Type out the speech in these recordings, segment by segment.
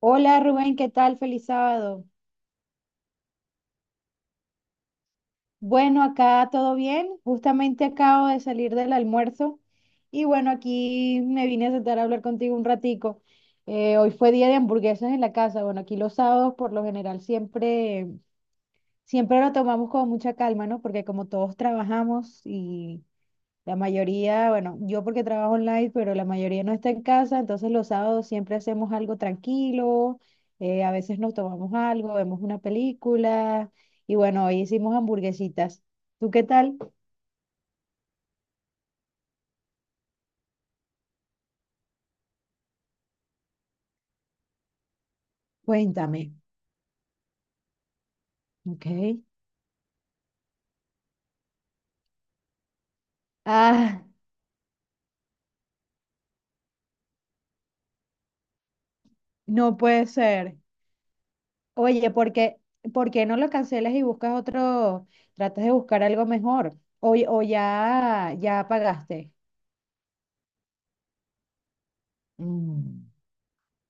Hola Rubén, ¿qué tal? Feliz sábado. Bueno, acá todo bien. Justamente acabo de salir del almuerzo y bueno, aquí me vine a sentar a hablar contigo un ratico. Hoy fue día de hamburguesas en la casa. Bueno, aquí los sábados por lo general siempre, siempre lo tomamos con mucha calma, ¿no? Porque como todos trabajamos y la mayoría, bueno, yo porque trabajo online, pero la mayoría no está en casa, entonces los sábados siempre hacemos algo tranquilo, a veces nos tomamos algo, vemos una película y bueno, hoy hicimos hamburguesitas. ¿Tú qué tal? Cuéntame. Ok. Ah, no puede ser. Oye, ¿por qué no lo cancelas y buscas otro, tratas de buscar algo mejor? O ya, ya pagaste. Mm,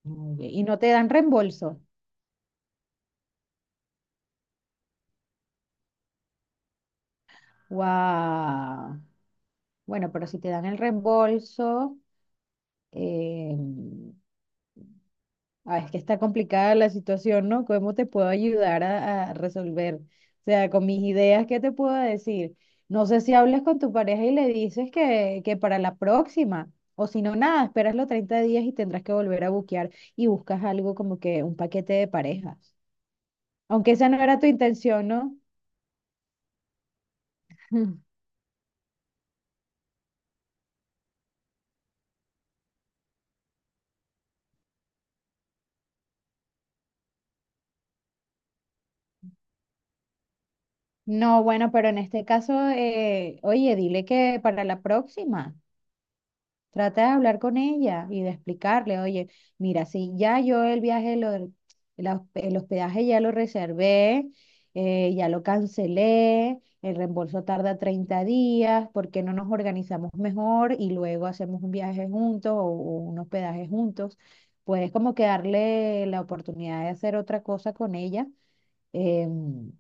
muy bien. Y no te dan reembolso. Wow. Bueno, pero si te dan el reembolso, eh, ah, es que está complicada la situación, ¿no? ¿Cómo te puedo ayudar a resolver? O sea, con mis ideas, ¿qué te puedo decir? No sé si hablas con tu pareja y le dices que para la próxima, o si no, nada, esperas los 30 días y tendrás que volver a buquear y buscas algo como que un paquete de parejas. Aunque esa no era tu intención, ¿no? No, bueno, pero en este caso, oye, dile que para la próxima. Trata de hablar con ella y de explicarle, oye, mira, si ya yo el viaje, el hospedaje ya lo reservé, ya lo cancelé, el reembolso tarda 30 días, ¿por qué no nos organizamos mejor y luego hacemos un viaje juntos o un hospedaje juntos? Puedes como que darle la oportunidad de hacer otra cosa con ella. em,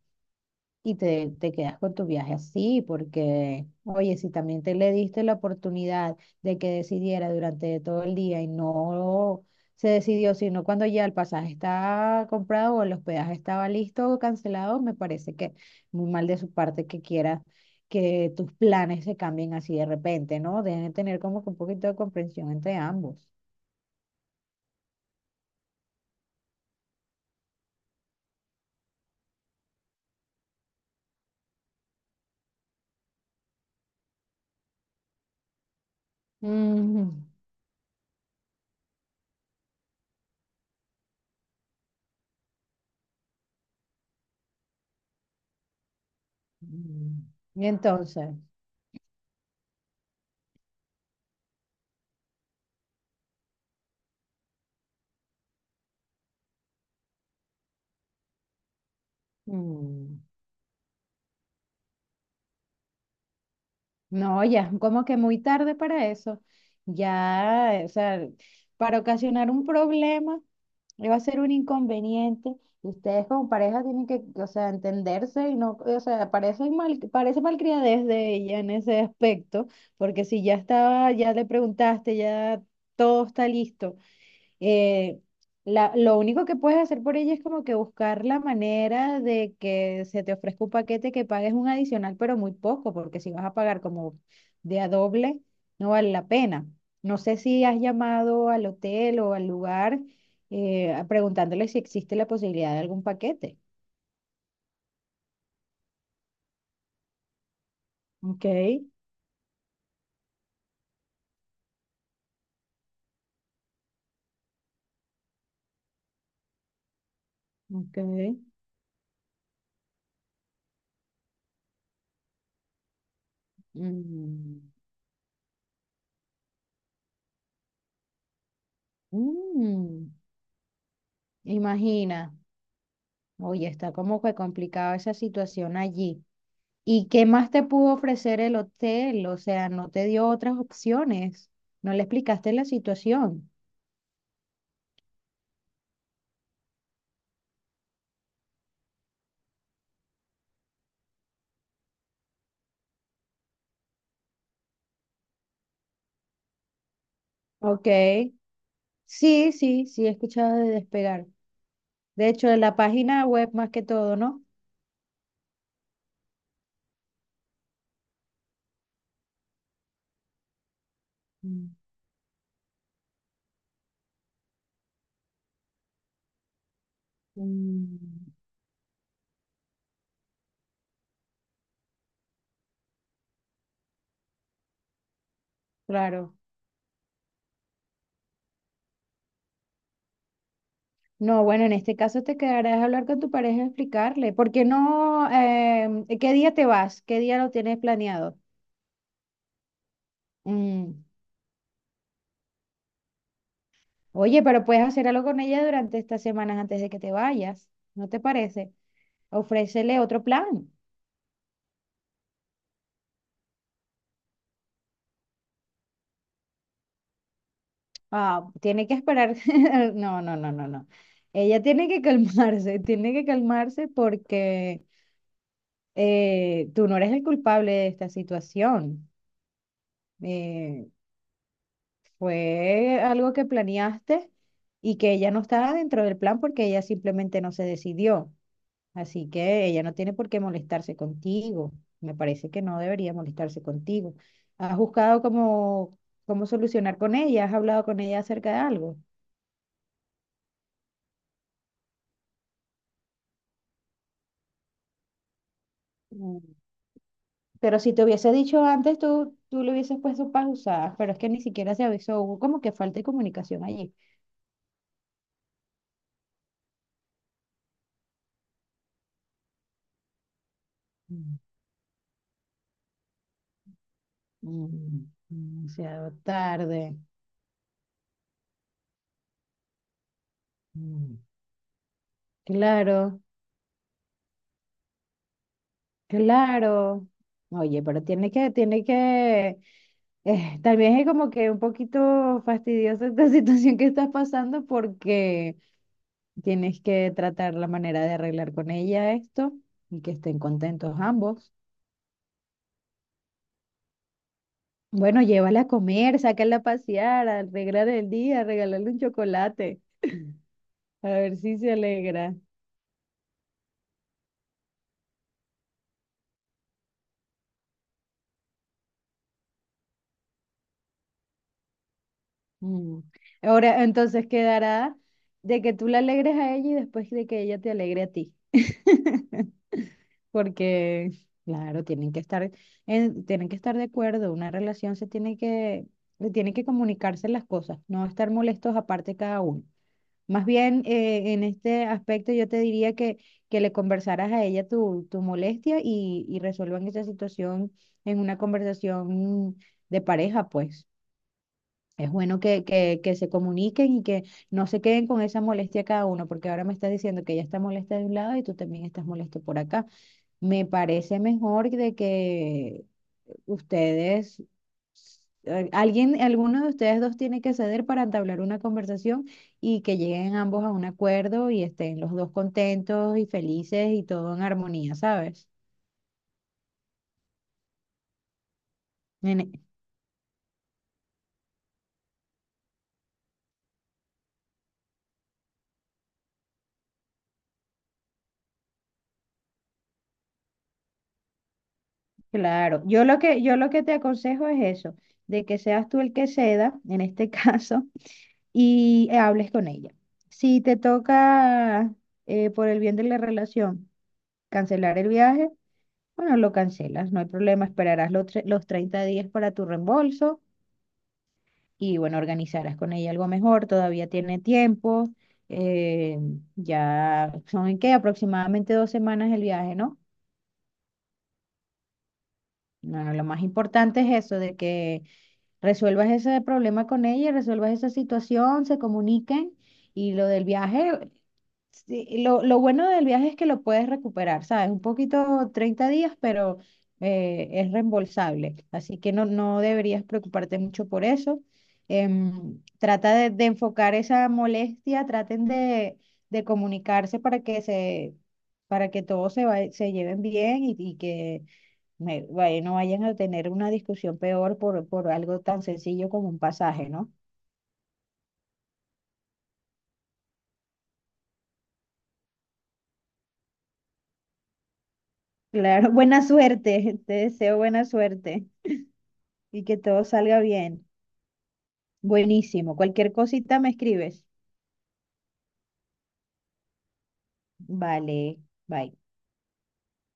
y te quedas con tu viaje así, porque, oye, si también te le diste la oportunidad de que decidiera durante todo el día y no se decidió, sino cuando ya el pasaje está comprado o el hospedaje estaba listo o cancelado, me parece que muy mal de su parte que quiera que tus planes se cambien así de repente, ¿no? Deben de tener como que un poquito de comprensión entre ambos. Mm, mm. Y entonces, mm, no, ya, es como que muy tarde para eso. Ya, o sea, para ocasionar un problema, va a ser un inconveniente. Y ustedes como pareja tienen que, o sea, entenderse y no, o sea, parece mal, parece malcriadez de ella en ese aspecto, porque si ya estaba, ya le preguntaste, ya todo está listo, eh, lo único que puedes hacer por ella es como que buscar la manera de que se te ofrezca un paquete que pagues un adicional, pero muy poco, porque si vas a pagar como de a doble, no vale la pena. No sé si has llamado al hotel o al lugar, preguntándole si existe la posibilidad de algún paquete. Ok, ok. Mm, mm. Imagina. Oye, está como que complicada esa situación allí. ¿Y qué más te pudo ofrecer el hotel? O sea, no te dio otras opciones. No le explicaste la situación. Ok. Sí, sí, sí, he escuchado de Despegar. De hecho, en la página web más que todo, ¿no? Mm, mm, claro. No, bueno, en este caso te quedarás a hablar con tu pareja y explicarle. ¿Por qué no? ¿Qué día te vas? ¿Qué día lo tienes planeado? Mm. Oye, pero puedes hacer algo con ella durante estas semanas antes de que te vayas. ¿No te parece? Ofrécele otro plan. Ah, tiene que esperar. No, no, no, no, no. Ella tiene que calmarse, tiene que calmarse porque tú no eres el culpable de esta situación. Eh, fue algo que planeaste y que ella no estaba dentro del plan porque ella simplemente no se decidió. Así que ella no tiene por qué molestarse contigo. Me parece que no debería molestarse contigo. ¿Has buscado cómo solucionar con ella? ¿Has hablado con ella acerca de algo? Mm. Pero si te hubiese dicho antes, tú le hubieses puesto pausadas, pero es que ni siquiera se avisó, hubo como que falta de comunicación allí. Mm, mm. Demasiado tarde. Mm. Claro, claro. Oye, pero tiene que, tal vez es como que un poquito fastidiosa esta situación que estás pasando porque tienes que tratar la manera de arreglar con ella esto y que estén contentos ambos. Bueno, llévala a comer, sácala a pasear, arreglarle el día, regalarle un chocolate, a ver si se alegra. Mm. Ahora, entonces quedará de que tú la alegres a ella y después de que ella te alegre a ti. Porque, claro, tienen que estar de acuerdo, una relación se tiene que comunicarse las cosas, no estar molestos aparte cada uno. Más bien, en este aspecto yo te diría que le conversaras a ella tu molestia y resuelvan esa situación en una conversación de pareja, pues. Es bueno que se comuniquen y que no se queden con esa molestia cada uno, porque ahora me estás diciendo que ella está molesta de un lado y tú también estás molesto por acá. Me parece mejor de que ustedes, alguien, alguno de ustedes dos tiene que ceder para entablar una conversación y que lleguen ambos a un acuerdo y estén los dos contentos y felices y todo en armonía, ¿sabes? En- claro, yo lo que te aconsejo es eso, de que seas tú el que ceda, en este caso, y hables con ella. Si te toca, por el bien de la relación, cancelar el viaje. Bueno, lo cancelas, no hay problema, esperarás los 30 días para tu reembolso y bueno, organizarás con ella algo mejor, todavía tiene tiempo, eh, ya son en qué, aproximadamente 2 semanas el viaje, ¿no? Bueno, lo más importante es eso, de que resuelvas ese problema con ella, resuelvas esa situación, se comuniquen y lo del viaje. Sí, lo bueno del viaje es que lo puedes recuperar, ¿sabes? Un poquito 30 días, pero es reembolsable. Así que no, no deberías preocuparte mucho por eso. Trata de enfocar esa molestia, traten de comunicarse para que se, para que todos se, se lleven bien y que no vayan a tener una discusión peor por algo tan sencillo como un pasaje, ¿no? Claro, buena suerte, te deseo buena suerte. Y que todo salga bien. Buenísimo. Cualquier cosita me escribes. Vale, bye.